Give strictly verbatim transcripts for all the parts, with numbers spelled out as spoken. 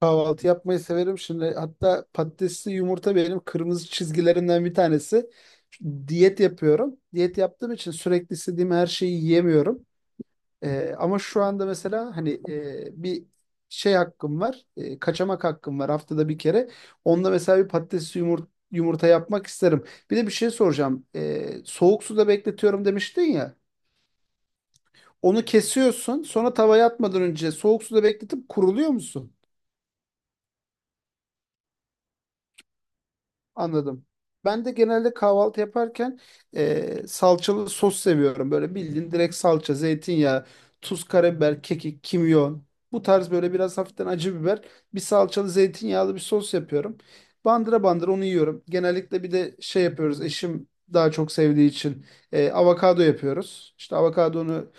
Kahvaltı yapmayı severim. Şimdi hatta patatesli yumurta benim kırmızı çizgilerimden bir tanesi. Diyet yapıyorum. Diyet yaptığım için sürekli istediğim her şeyi yiyemiyorum. Ee, ama şu anda mesela hani e, bir şey hakkım var. E, kaçamak hakkım var haftada bir kere. Onunla mesela bir patatesli yumurta, yumurta yapmak isterim. Bir de bir şey soracağım. Ee, soğuk suda bekletiyorum demiştin ya. Onu kesiyorsun. Sonra tavaya atmadan önce soğuk suda bekletip kuruluyor musun? Anladım. Ben de genelde kahvaltı yaparken e, salçalı sos seviyorum. Böyle bildiğin direkt salça, zeytinyağı, tuz, karabiber, kekik, kimyon. Bu tarz böyle biraz hafiften acı biber. Bir salçalı zeytinyağlı bir sos yapıyorum. Bandıra bandıra onu yiyorum. Genellikle bir de şey yapıyoruz. Eşim daha çok sevdiği için e, avokado yapıyoruz. İşte avokadonu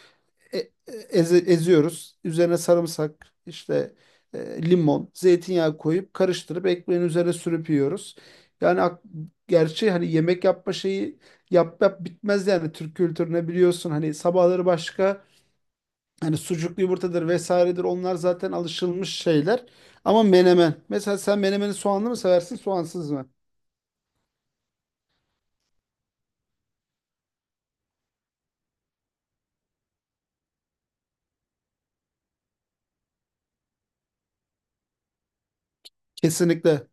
e- e, eze- eziyoruz. Üzerine sarımsak, işte e, limon, zeytinyağı koyup karıştırıp ekmeğin üzerine sürüp yiyoruz. Yani ak- Gerçi hani yemek yapma şeyi yap yap bitmez yani Türk kültürüne biliyorsun hani sabahları başka hani sucuklu yumurtadır vesairedir onlar zaten alışılmış şeyler. Ama menemen. Mesela sen menemeni soğanlı mı seversin soğansız mı? Kesinlikle.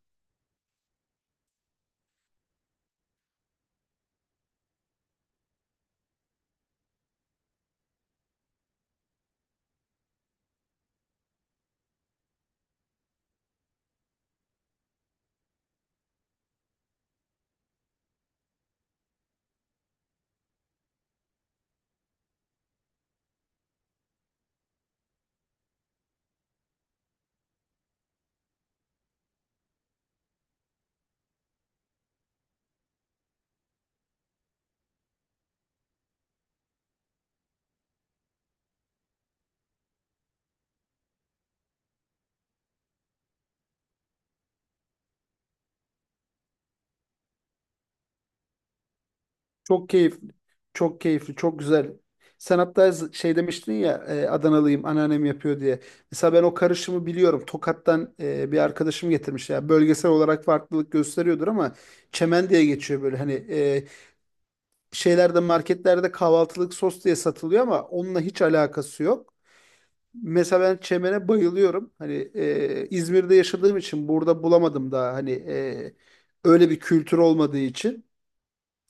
Çok keyifli. Çok keyifli, çok güzel. Sen hatta z- şey demiştin ya, e, Adanalıyım anneannem yapıyor diye. Mesela ben o karışımı biliyorum. Tokat'tan e, bir arkadaşım getirmiş. Ya bölgesel olarak farklılık gösteriyordur ama çemen diye geçiyor böyle. Hani e, şeylerde, marketlerde kahvaltılık sos diye satılıyor ama onunla hiç alakası yok. Mesela ben çemene bayılıyorum. Hani e, İzmir'de yaşadığım için burada bulamadım daha. Hani e, öyle bir kültür olmadığı için.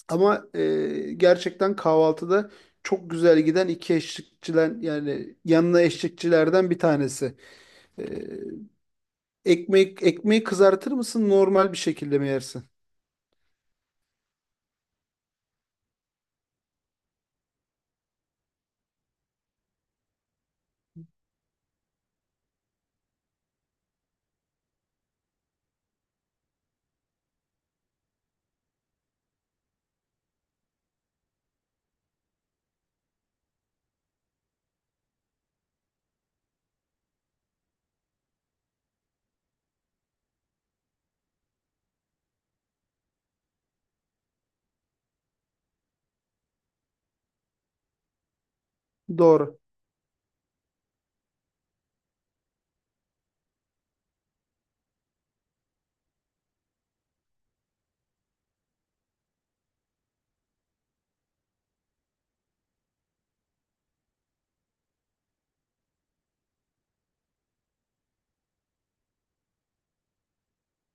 Ama e, gerçekten kahvaltıda çok güzel giden iki eşlikçilen yani yanına eşlikçilerden bir tanesi. E, Ekmek, ekmeği kızartır mısın, normal bir şekilde mi yersin? Doğru.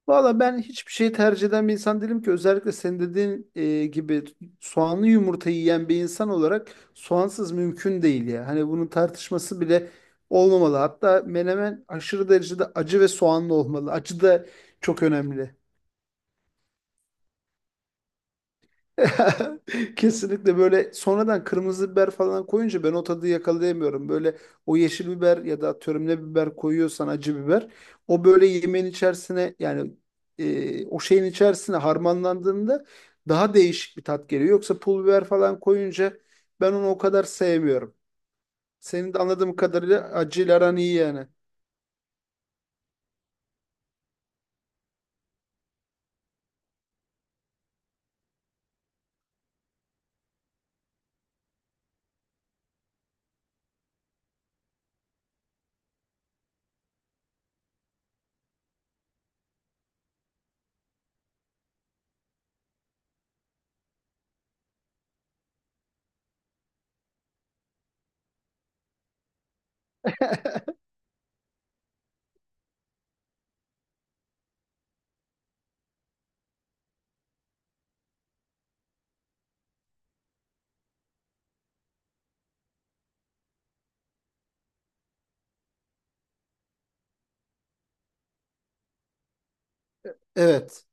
Valla ben hiçbir şey tercih eden bir insan değilim ki, özellikle senin dediğin e, gibi soğanlı yumurtayı yiyen bir insan olarak soğansız mümkün değil ya. Hani bunun tartışması bile olmamalı. Hatta menemen aşırı derecede acı ve soğanlı olmalı. Acı da çok önemli. Kesinlikle böyle sonradan kırmızı biber falan koyunca ben o tadı yakalayamıyorum. Böyle o yeşil biber ya da atıyorum ne biber koyuyorsan acı biber o böyle yemeğin içerisine yani e, o şeyin içerisine harmanlandığında daha değişik bir tat geliyor. Yoksa pul biber falan koyunca ben onu o kadar sevmiyorum. Senin de anladığım kadarıyla acıyla aran iyi yani. Evet.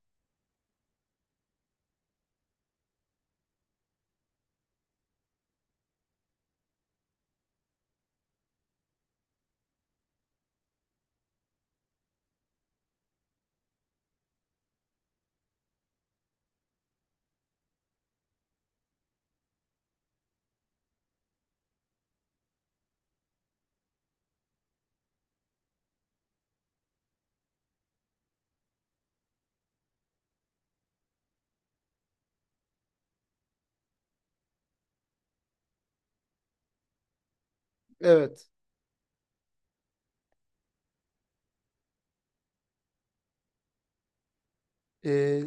Evet. Ee,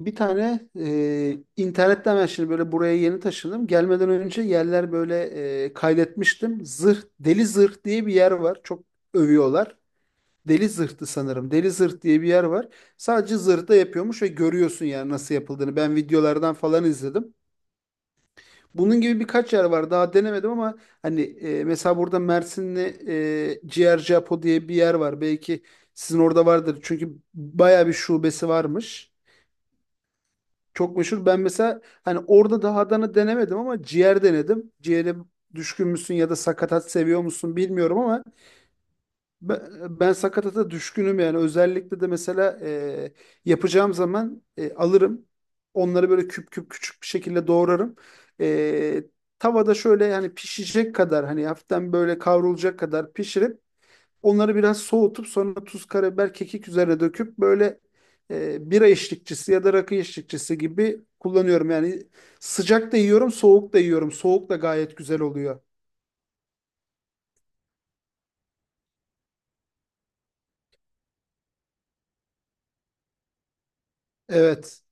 Bir tane e, internetten ben şimdi böyle buraya yeni taşındım. Gelmeden önce yerler böyle e, kaydetmiştim. Zırh, Deli Zırh diye bir yer var. Çok övüyorlar. Deli Zırh'tı sanırım. Deli Zırh diye bir yer var. Sadece zırhta yapıyormuş ve görüyorsun yani nasıl yapıldığını. Ben videolardan falan izledim. Bunun gibi birkaç yer var. Daha denemedim ama hani e, mesela burada Mersin'de e, Ciğerci Apo diye bir yer var. Belki sizin orada vardır. Çünkü baya bir şubesi varmış. Çok meşhur. Ben mesela hani orada da Adana denemedim ama ciğer denedim. Ciğere düşkün müsün ya da sakatat seviyor musun bilmiyorum ama ben, ben sakatata düşkünüm yani. Özellikle de mesela e, yapacağım zaman e, alırım. Onları böyle küp küp küçük bir şekilde doğrarım. E, Tavada şöyle yani pişecek kadar hani hafiften böyle kavrulacak kadar pişirip onları biraz soğutup sonra tuz, karabiber, kekik üzerine döküp böyle e, bira eşlikçisi ya da rakı eşlikçisi gibi kullanıyorum. Yani sıcak da yiyorum, soğuk da yiyorum. Soğuk da gayet güzel oluyor. Evet.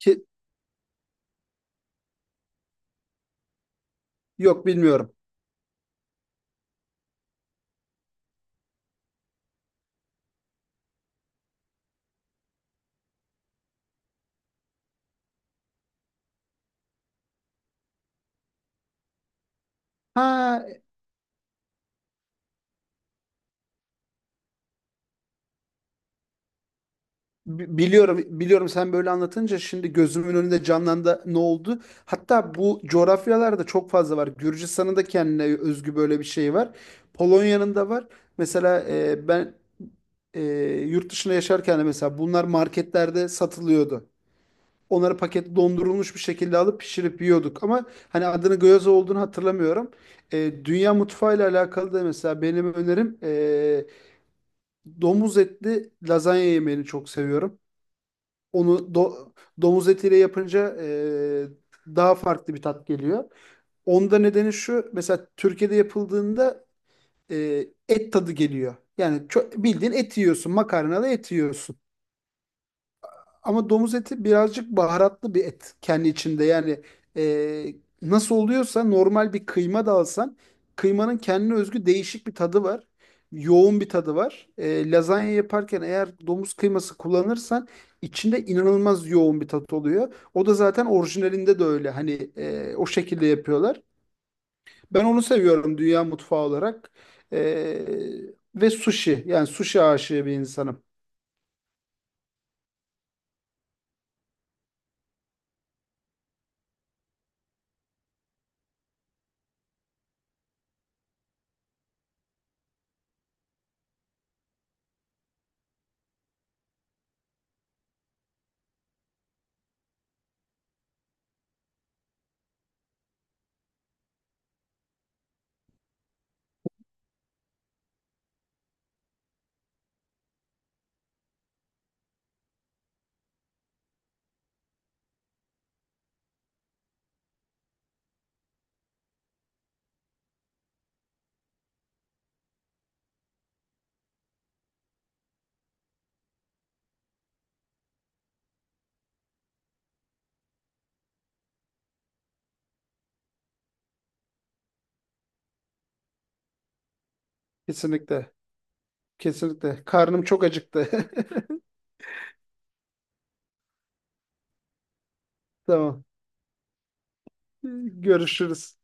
Ki, yok, bilmiyorum. Ha, bi- biliyorum, biliyorum. Sen böyle anlatınca şimdi gözümün önünde canlandı. Ne oldu? Hatta bu coğrafyalarda çok fazla var. Gürcistan'ın da kendine özgü böyle bir şey var. Polonya'nın da var. Mesela e, ben e, yurt dışında yaşarken de mesela bunlar marketlerde satılıyordu. Onları paketli dondurulmuş bir şekilde alıp pişirip yiyorduk. Ama hani adını gyoza olduğunu hatırlamıyorum. E, dünya mutfağıyla alakalı da mesela benim önerim, e, domuz etli lazanya yemeğini çok seviyorum. Onu do- domuz etiyle yapınca e, daha farklı bir tat geliyor. Onda nedeni şu: mesela Türkiye'de yapıldığında e, et tadı geliyor. Yani çok, bildiğin et yiyorsun, makarnalı et yiyorsun. Ama domuz eti birazcık baharatlı bir et kendi içinde. Yani e, nasıl oluyorsa normal bir kıyma da alsan kıymanın kendine özgü değişik bir tadı var. Yoğun bir tadı var. E, lazanya yaparken eğer domuz kıyması kullanırsan içinde inanılmaz yoğun bir tat oluyor. O da zaten orijinalinde de öyle. Hani e, o şekilde yapıyorlar. Ben onu seviyorum dünya mutfağı olarak. E, Ve sushi. Yani sushi aşığı bir insanım. Kesinlikle. Kesinlikle. Karnım çok acıktı. Tamam. Görüşürüz.